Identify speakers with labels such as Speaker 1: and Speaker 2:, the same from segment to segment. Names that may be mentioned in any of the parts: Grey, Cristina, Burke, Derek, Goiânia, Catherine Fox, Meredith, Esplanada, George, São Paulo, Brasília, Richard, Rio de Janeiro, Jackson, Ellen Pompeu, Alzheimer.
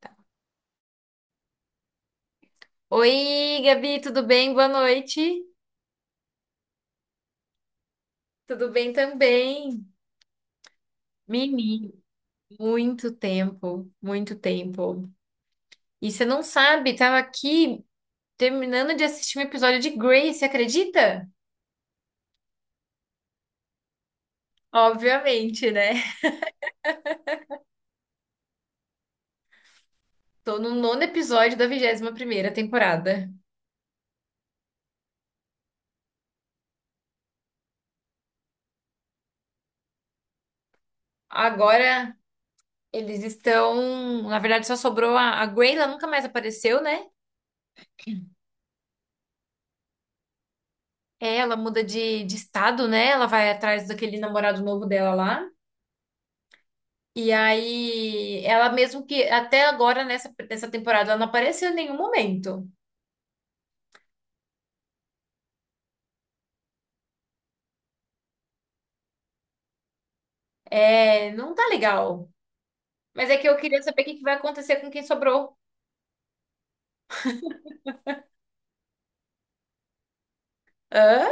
Speaker 1: Tá. Oi, Gabi, tudo bem? Boa noite. Tudo bem também. Menino, muito tempo, muito tempo. E você não sabe, tava aqui terminando de assistir um episódio de Grey, você acredita? Obviamente, né? Tô no nono episódio da 21ª temporada. Agora eles estão, na verdade só sobrou a Grey, ela nunca mais apareceu, né? É, ela muda de estado, né? Ela vai atrás daquele namorado novo dela lá. E aí, ela mesmo que até agora nessa temporada ela não apareceu em nenhum momento. É, não tá legal. Mas é que eu queria saber o que que vai acontecer com quem sobrou. Hã?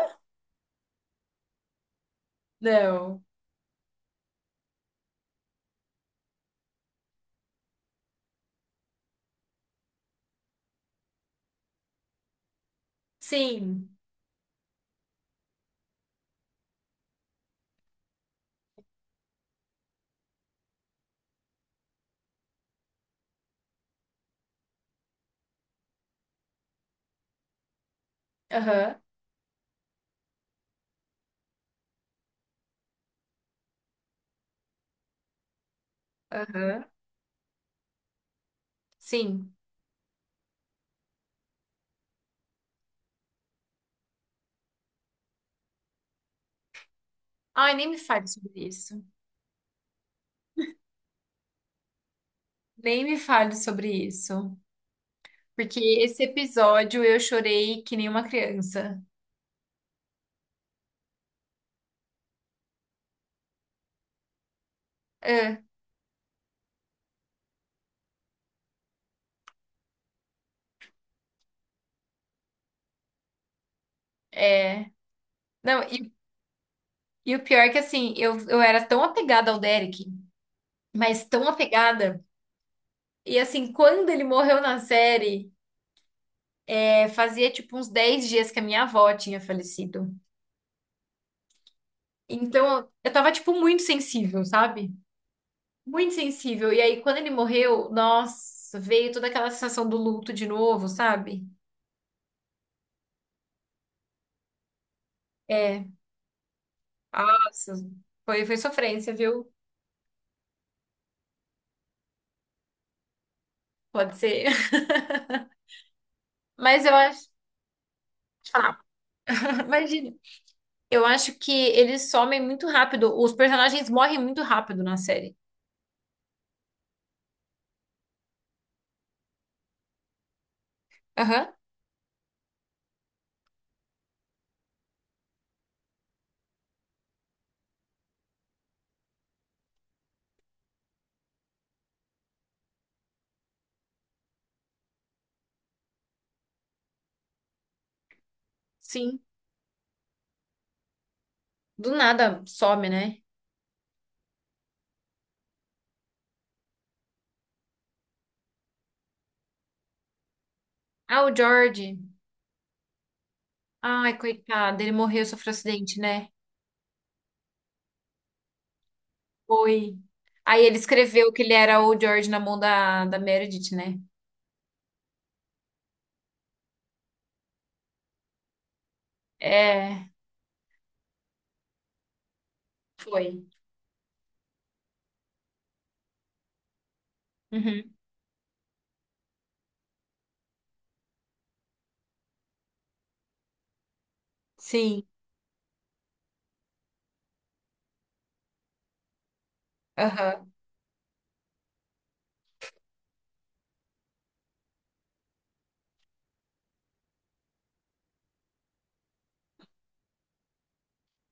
Speaker 1: Não. Sim. Aham. Aham. Sim. Ai, nem me fale sobre isso. Nem me fale sobre isso. Porque esse episódio eu chorei que nem uma criança. Hã? É. Não, e o pior é que assim, eu era tão apegada ao Derek, mas tão apegada. E assim, quando ele morreu na série, fazia tipo uns 10 dias que a minha avó tinha falecido. Então, eu tava tipo muito sensível, sabe? Muito sensível. E aí, quando ele morreu, nossa, veio toda aquela sensação do luto de novo, sabe? É, nossa, foi sofrência, viu? Pode ser. Mas eu acho. Deixa eu falar. Imagina. Eu acho que eles somem muito rápido. Os personagens morrem muito rápido na série. Aham. Sim. Do nada some, né? Ah, o George. Ai, coitado, ele morreu, sofreu acidente, né? Foi. Aí ele escreveu que ele era o George na mão da Meredith, né? É, foi. Uhum. Sim. Aham.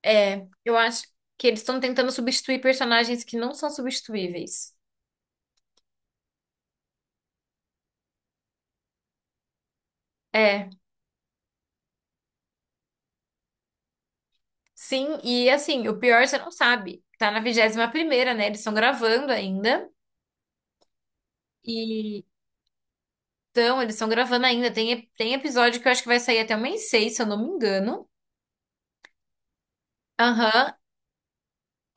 Speaker 1: É, eu acho que eles estão tentando substituir personagens que não são substituíveis. É, sim, e assim, o pior você não sabe. Tá na 21ª, né? Eles estão gravando ainda. E então, eles estão gravando ainda. Tem episódio que eu acho que vai sair até o mês 6 se eu não me engano. Aham,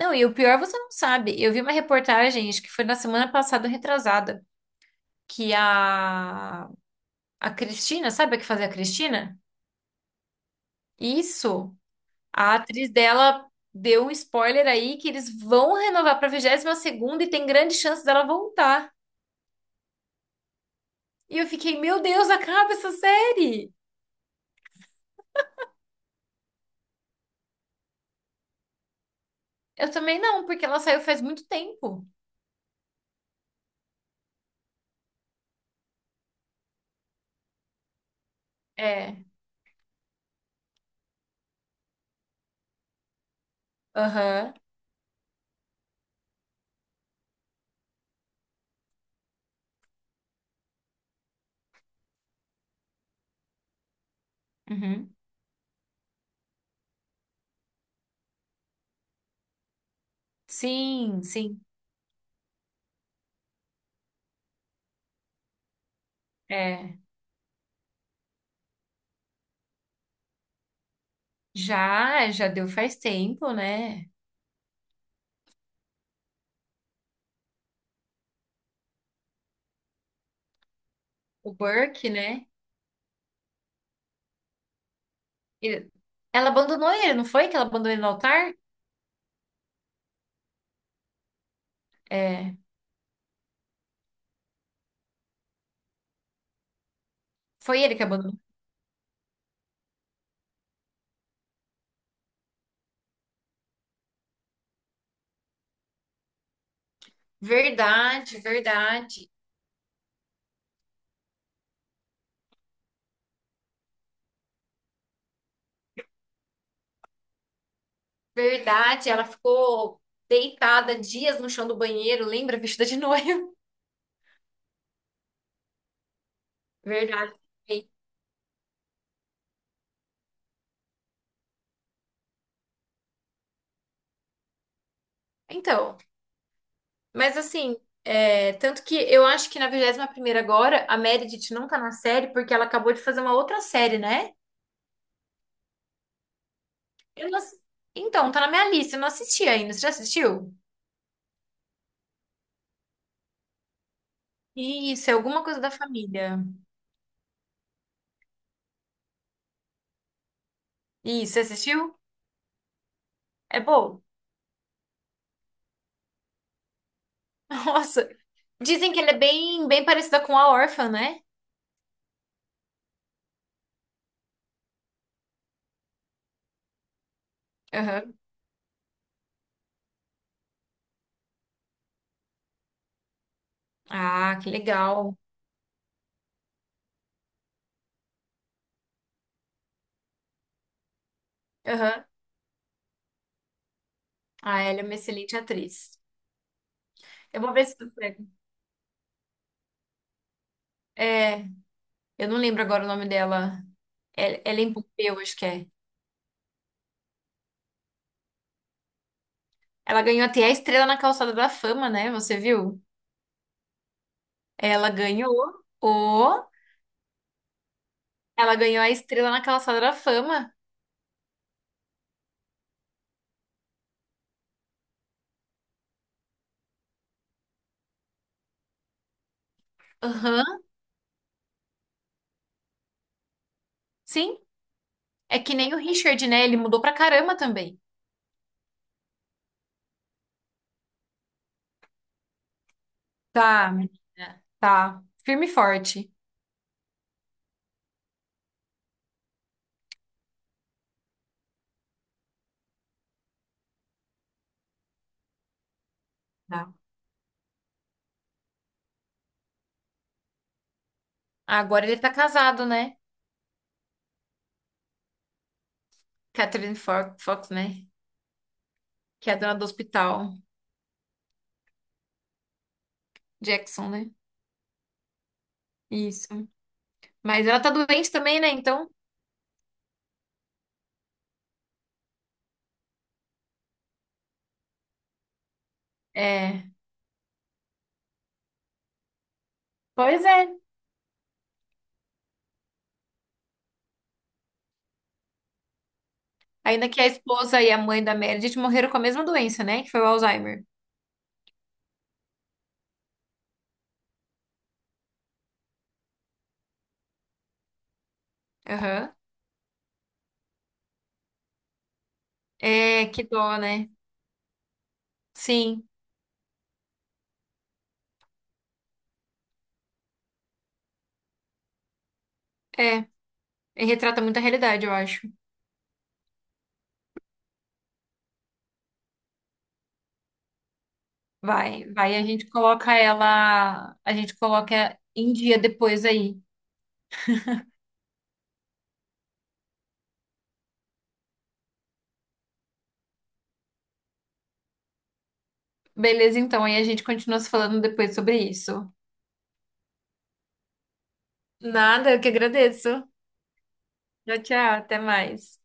Speaker 1: não, e o pior você não sabe. Eu vi uma reportagem, acho que foi na semana passada, retrasada, que a Cristina, sabe a que fazia a Cristina? Isso, a atriz dela deu um spoiler aí que eles vão renovar pra 22ª e tem grande chance dela voltar. E eu fiquei, meu Deus, acaba essa série! Eu também não, porque ela saiu faz muito tempo. É, aham, uhum. Sim, sim, é. Já, já deu faz tempo, né? O Burke, né? Ele- Ela abandonou ele, não foi que ela abandonou ele no altar? É, foi ele que abandonou. Verdade, verdade, verdade. Ela ficou deitada dias no chão do banheiro, lembra? Vestida de noiva. Verdade. Então, mas assim, tanto que eu acho que na 21ª agora, a Meredith não tá na série porque ela acabou de fazer uma outra série, né? Eu não ass- Então, tá na minha lista, eu não assisti ainda. Você já assistiu? Isso, é alguma coisa da família. Isso, você assistiu? É bom. Nossa. Dizem que ela é bem, bem parecida com a Órfã, né? Aham. Ah, que legal. Aham. Ah, ela é uma excelente atriz. Eu vou ver se tu pega. É, eu não lembro agora o nome dela. Ellen Pompeu, acho que é. Ela ganhou até a Estrela na Calçada da Fama, né? Você viu? Ela ganhou o... Ela ganhou a Estrela na Calçada da Fama. Aham, sim. É que nem o Richard, né? Ele mudou pra caramba também. Tá, menina. Tá. Firme e forte. Tá. Agora ele tá casado, né? Catherine Fox, né? Que é a dona do hospital. Jackson, né? Isso. Mas ela tá doente também, né? Então, é. Pois é. Ainda que a esposa e a mãe da Meredith morreram com a mesma doença, né? Que foi o Alzheimer. Aham. É, que dó, né? Sim, é. E retrata muita realidade, eu acho. Vai, vai, a gente coloca ela, a gente coloca em dia depois aí. Beleza, então, aí a gente continua se falando depois sobre isso. Nada, eu que agradeço. Tchau, tchau, até mais.